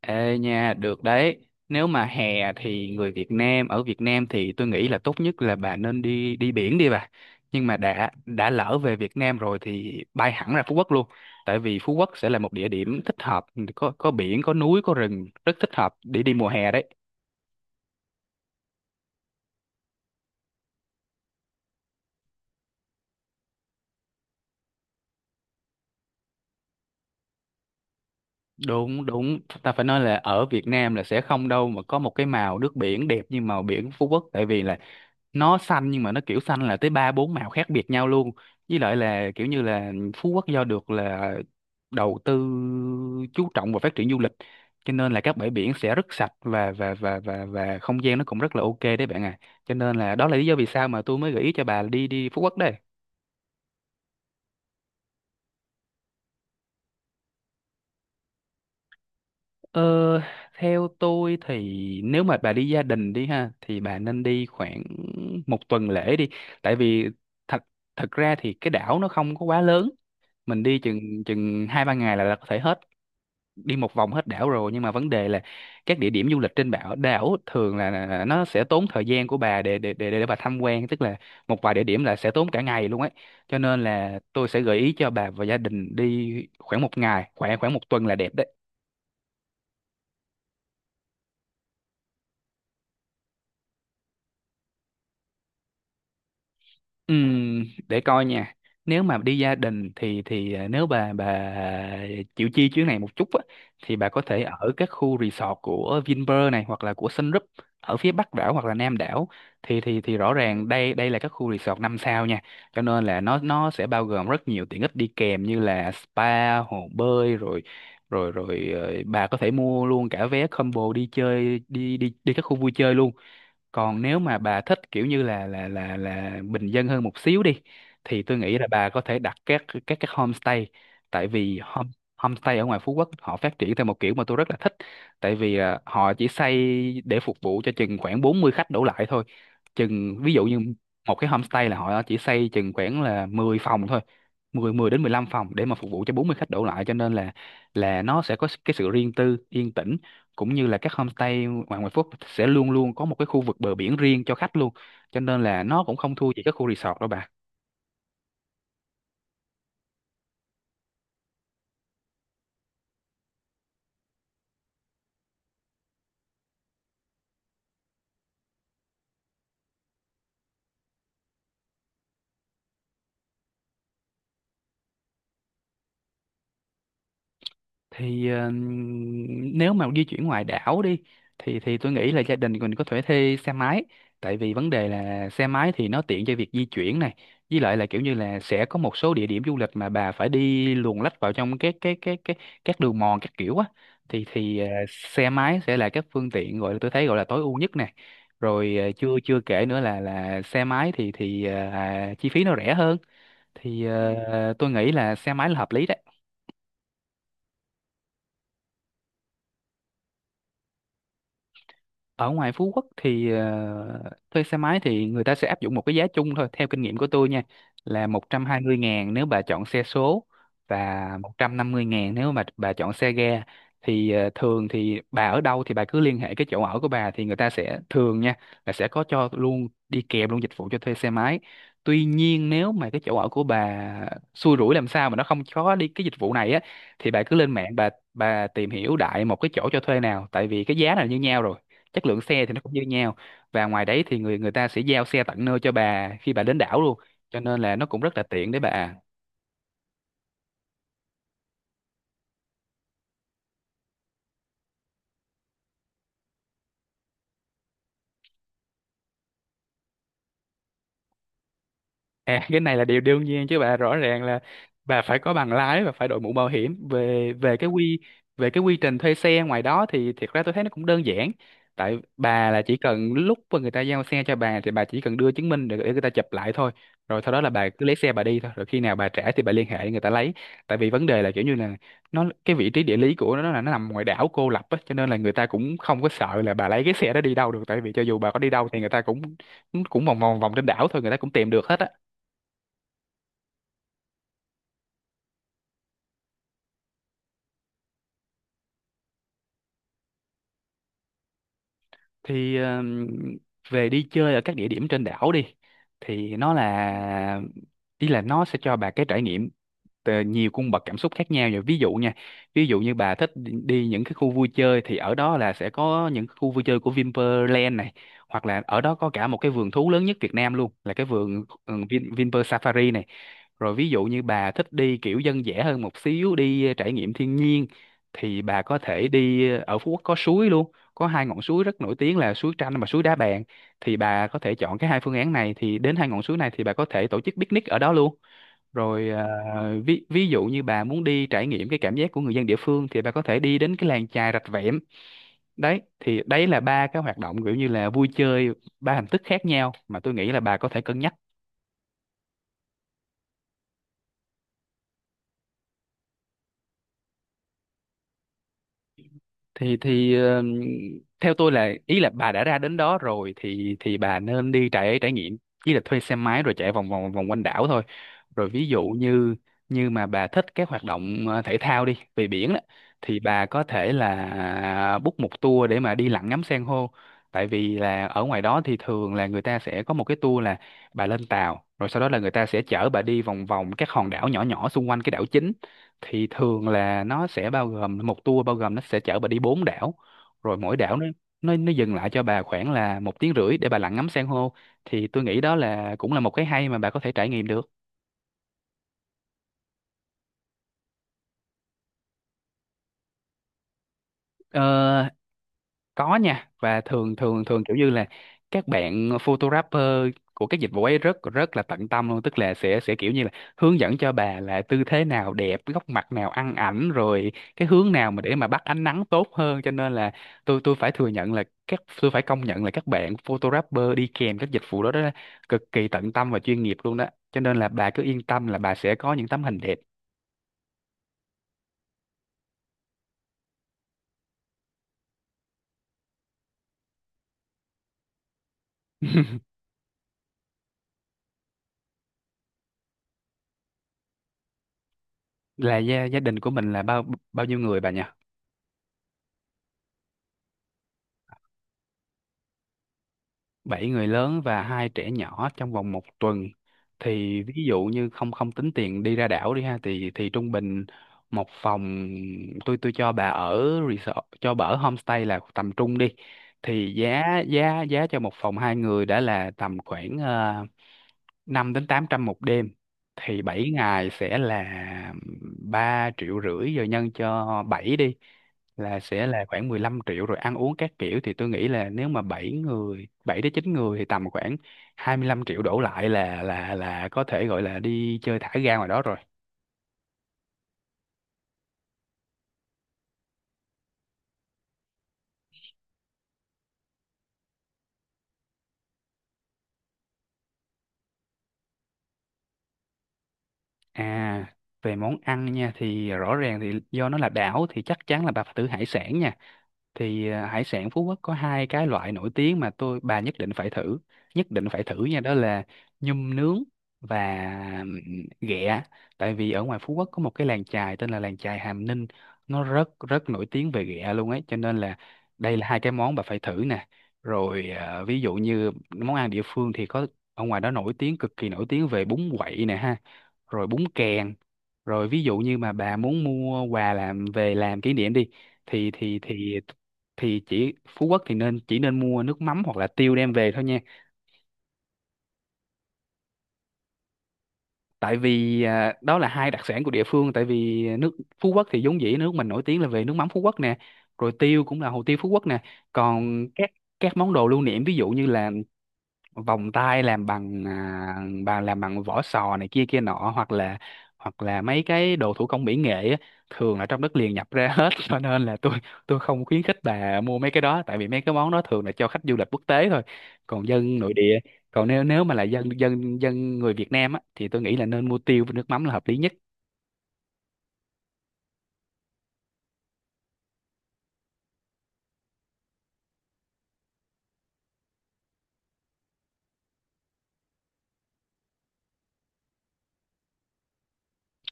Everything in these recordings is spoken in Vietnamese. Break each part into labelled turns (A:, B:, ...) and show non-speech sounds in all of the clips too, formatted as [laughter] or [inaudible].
A: Ê nha, được đấy. Nếu mà hè thì người Việt Nam ở Việt Nam thì tôi nghĩ là tốt nhất là bà nên đi đi biển đi bà. Nhưng mà đã lỡ về Việt Nam rồi thì bay hẳn ra Phú Quốc luôn. Tại vì Phú Quốc sẽ là một địa điểm thích hợp, có biển, có núi, có rừng, rất thích hợp để đi mùa hè đấy. Đúng, đúng. Ta phải nói là ở Việt Nam là sẽ không đâu mà có một cái màu nước biển đẹp như màu biển Phú Quốc. Tại vì là nó xanh nhưng mà nó kiểu xanh là tới ba bốn màu khác biệt nhau luôn. Với lại là kiểu như là Phú Quốc do được là đầu tư chú trọng vào phát triển du lịch, cho nên là các bãi biển sẽ rất sạch và không gian nó cũng rất là ok đấy bạn à, cho nên là đó là lý do vì sao mà tôi mới gợi ý cho bà đi đi Phú Quốc đây. ờ, Theo tôi thì nếu mà bà đi gia đình đi ha thì bà nên đi khoảng một tuần lễ đi, tại vì thật thật ra thì cái đảo nó không có quá lớn, mình đi chừng chừng hai ba ngày là có thể hết đi một vòng hết đảo rồi. Nhưng mà vấn đề là các địa điểm du lịch trên đảo đảo thường là nó sẽ tốn thời gian của bà để bà tham quan, tức là một vài địa điểm là sẽ tốn cả ngày luôn ấy. Cho nên là tôi sẽ gợi ý cho bà và gia đình đi khoảng một ngày khoảng khoảng một tuần là đẹp đấy. Để coi nha. Nếu mà đi gia đình thì nếu bà chịu chi chuyến này một chút á thì bà có thể ở các khu resort của Vinpearl này hoặc là của Sun Group ở phía Bắc đảo hoặc là Nam đảo, thì rõ ràng đây đây là các khu resort năm sao nha. Cho nên là nó sẽ bao gồm rất nhiều tiện ích đi kèm như là spa, hồ bơi, rồi rồi rồi bà có thể mua luôn cả vé combo đi chơi đi đi đi các khu vui chơi luôn. Còn nếu mà bà thích kiểu như là bình dân hơn một xíu đi, thì tôi nghĩ là bà có thể đặt các homestay, tại vì homestay ở ngoài Phú Quốc họ phát triển theo một kiểu mà tôi rất là thích. Tại vì họ chỉ xây để phục vụ cho chừng khoảng 40 khách đổ lại thôi, chừng ví dụ như một cái homestay là họ chỉ xây chừng khoảng là 10 phòng thôi à. 10 đến 15 phòng để mà phục vụ cho 40 khách đổ lại, cho nên là nó sẽ có cái sự riêng tư yên tĩnh, cũng như là các homestay ngoài ngoại Phúc sẽ luôn luôn có một cái khu vực bờ biển riêng cho khách luôn, cho nên là nó cũng không thua gì các khu resort đâu bà. thì ờ, Nếu mà di chuyển ngoài đảo đi, thì tôi nghĩ là gia đình mình có thể thuê xe máy, tại vì vấn đề là xe máy thì nó tiện cho việc di chuyển này. Với lại là kiểu như là sẽ có một số địa điểm du lịch mà bà phải đi luồn lách vào trong cái các đường mòn các kiểu á, thì xe máy sẽ là các phương tiện gọi là tôi thấy gọi là tối ưu nhất này. Rồi chưa chưa kể nữa là xe máy thì chi phí nó rẻ hơn, thì Ừ. Tôi nghĩ là xe máy là hợp lý đấy. Ở ngoài Phú Quốc thì thuê xe máy thì người ta sẽ áp dụng một cái giá chung thôi theo kinh nghiệm của tôi nha, là 120.000 nếu bà chọn xe số và 150.000 nếu mà bà chọn xe ga. Thường thì bà ở đâu thì bà cứ liên hệ cái chỗ ở của bà thì người ta sẽ thường nha, là sẽ có cho luôn đi kèm luôn dịch vụ cho thuê xe máy. Tuy nhiên nếu mà cái chỗ ở của bà xui rủi làm sao mà nó không có đi cái dịch vụ này á, thì bà cứ lên mạng bà tìm hiểu đại một cái chỗ cho thuê nào, tại vì cái giá là như nhau rồi, chất lượng xe thì nó cũng như nhau. Và ngoài đấy thì người người ta sẽ giao xe tận nơi cho bà khi bà đến đảo luôn, cho nên là nó cũng rất là tiện để bà. À, cái này là điều đương nhiên chứ bà, rõ ràng là bà phải có bằng lái và phải đội mũ bảo hiểm. Về về cái quy, về cái quy trình thuê xe ngoài đó thì thiệt ra tôi thấy nó cũng đơn giản, tại bà là chỉ cần lúc mà người ta giao xe cho bà thì bà chỉ cần đưa chứng minh để người ta chụp lại thôi, rồi sau đó là bà cứ lấy xe bà đi thôi, rồi khi nào bà trả thì bà liên hệ để người ta lấy. Tại vì vấn đề là kiểu như là nó, cái vị trí địa lý của nó là nó nằm ngoài đảo cô lập á, cho nên là người ta cũng không có sợ là bà lấy cái xe đó đi đâu được, tại vì cho dù bà có đi đâu thì người ta cũng cũng vòng vòng vòng trên đảo thôi, người ta cũng tìm được hết á. Thì Về đi chơi ở các địa điểm trên đảo đi, thì nó là, ý là nó sẽ cho bà cái trải nghiệm nhiều cung bậc cảm xúc khác nhau. Rồi ví dụ nha, ví dụ như bà thích đi đi những cái khu vui chơi thì ở đó là sẽ có những khu vui chơi của Vinpearl này, hoặc là ở đó có cả một cái vườn thú lớn nhất Việt Nam luôn, là cái vườn Vinpearl Safari này. Rồi ví dụ như bà thích đi kiểu dân dã hơn một xíu, đi trải nghiệm thiên nhiên, thì bà có thể đi ở Phú Quốc có suối luôn, có hai ngọn suối rất nổi tiếng là suối Tranh và suối Đá Bàn, thì bà có thể chọn cái hai phương án này, thì đến hai ngọn suối này thì bà có thể tổ chức picnic ở đó luôn. Rồi ví ví dụ như bà muốn đi trải nghiệm cái cảm giác của người dân địa phương, thì bà có thể đi đến cái làng chài Rạch Vẹm. Đấy thì đấy là ba cái hoạt động kiểu như là vui chơi, ba hình thức khác nhau mà tôi nghĩ là bà có thể cân nhắc. thì thì ờ, Theo tôi là, ý là bà đã ra đến đó rồi thì bà nên đi trải trải nghiệm, ý là thuê xe máy rồi chạy vòng vòng vòng quanh đảo thôi. Rồi ví dụ như như mà bà thích các hoạt động thể thao đi về biển đó, thì bà có thể là book một tour để mà đi lặn ngắm san hô. Tại vì là ở ngoài đó thì thường là người ta sẽ có một cái tour là bà lên tàu, rồi sau đó là người ta sẽ chở bà đi vòng vòng các hòn đảo nhỏ nhỏ xung quanh cái đảo chính. Thì thường là nó sẽ bao gồm một tour, bao gồm nó sẽ chở bà đi 4 đảo, rồi mỗi đảo nó dừng lại cho bà khoảng là một tiếng rưỡi để bà lặn ngắm san hô, thì tôi nghĩ đó là cũng là một cái hay mà bà có thể trải nghiệm được. Ờ, có nha, và thường thường thường kiểu như là các bạn photographer của các dịch vụ ấy rất rất là tận tâm luôn, tức là sẽ kiểu như là hướng dẫn cho bà là tư thế nào đẹp, góc mặt nào ăn ảnh, rồi cái hướng nào mà để mà bắt ánh nắng tốt hơn, cho nên là tôi phải thừa nhận là các, tôi phải công nhận là các bạn photographer đi kèm các dịch vụ đó đó cực kỳ tận tâm và chuyên nghiệp luôn đó, cho nên là bà cứ yên tâm là bà sẽ có những tấm hình đẹp. [laughs] Là gia gia đình của mình là bao bao nhiêu người bà nhỉ? 7 người lớn và hai trẻ nhỏ trong vòng một tuần, thì ví dụ như không không tính tiền đi ra đảo đi ha, thì trung bình một phòng, tôi cho bà ở resort cho bà ở homestay là tầm trung đi, thì giá giá giá cho một phòng hai người đã là tầm khoảng 5 đến 800 một đêm, thì 7 ngày sẽ là 3,5 triệu rồi nhân cho 7 đi, là sẽ là khoảng 15 triệu. Rồi ăn uống các kiểu thì tôi nghĩ là nếu mà 7 người, 7 đến 9 người thì tầm khoảng 25 triệu đổ lại là là có thể gọi là đi chơi thả ga ngoài đó rồi. À về món ăn nha, thì rõ ràng thì do nó là đảo thì chắc chắn là bà phải thử hải sản nha. Thì hải sản Phú Quốc có hai cái loại nổi tiếng mà tôi, bà nhất định phải thử, nhất định phải thử nha, đó là nhum nướng và ừm, ghẹ. Tại vì ở ngoài Phú Quốc có một cái làng chài tên là làng chài Hàm Ninh, nó rất rất nổi tiếng về ghẹ luôn ấy, cho nên là đây là hai cái món bà phải thử nè. Rồi ví dụ như món ăn địa phương thì có, ở ngoài đó nổi tiếng, cực kỳ nổi tiếng về bún quậy nè ha, rồi bún kèn. Rồi ví dụ như mà bà muốn mua quà làm về làm kỷ niệm đi, thì thì chỉ Phú Quốc thì nên chỉ nên mua nước mắm hoặc là tiêu đem về thôi nha. Tại vì đó là hai đặc sản của địa phương, tại vì nước Phú Quốc thì vốn dĩ nước mình nổi tiếng là về nước mắm Phú Quốc nè, rồi tiêu cũng là hồ tiêu Phú Quốc nè. Còn các món đồ lưu niệm ví dụ như là vòng tay làm bằng à, bằng làm bằng vỏ sò này kia kia nọ, hoặc là mấy cái đồ thủ công mỹ nghệ á, thường là trong đất liền nhập ra hết. [laughs] Cho nên là tôi không khuyến khích bà mua mấy cái đó, tại vì mấy cái món đó thường là cho khách du lịch quốc tế thôi, còn dân nội địa, còn nếu nếu mà là dân dân dân người Việt Nam á, thì tôi nghĩ là nên mua tiêu với nước mắm là hợp lý nhất.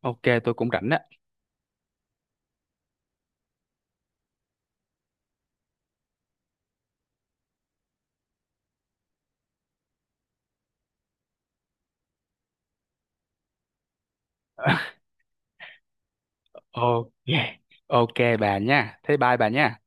A: Ok tôi cũng rảnh đó. [laughs] Ok, ok bà nha, thế bye bà nha.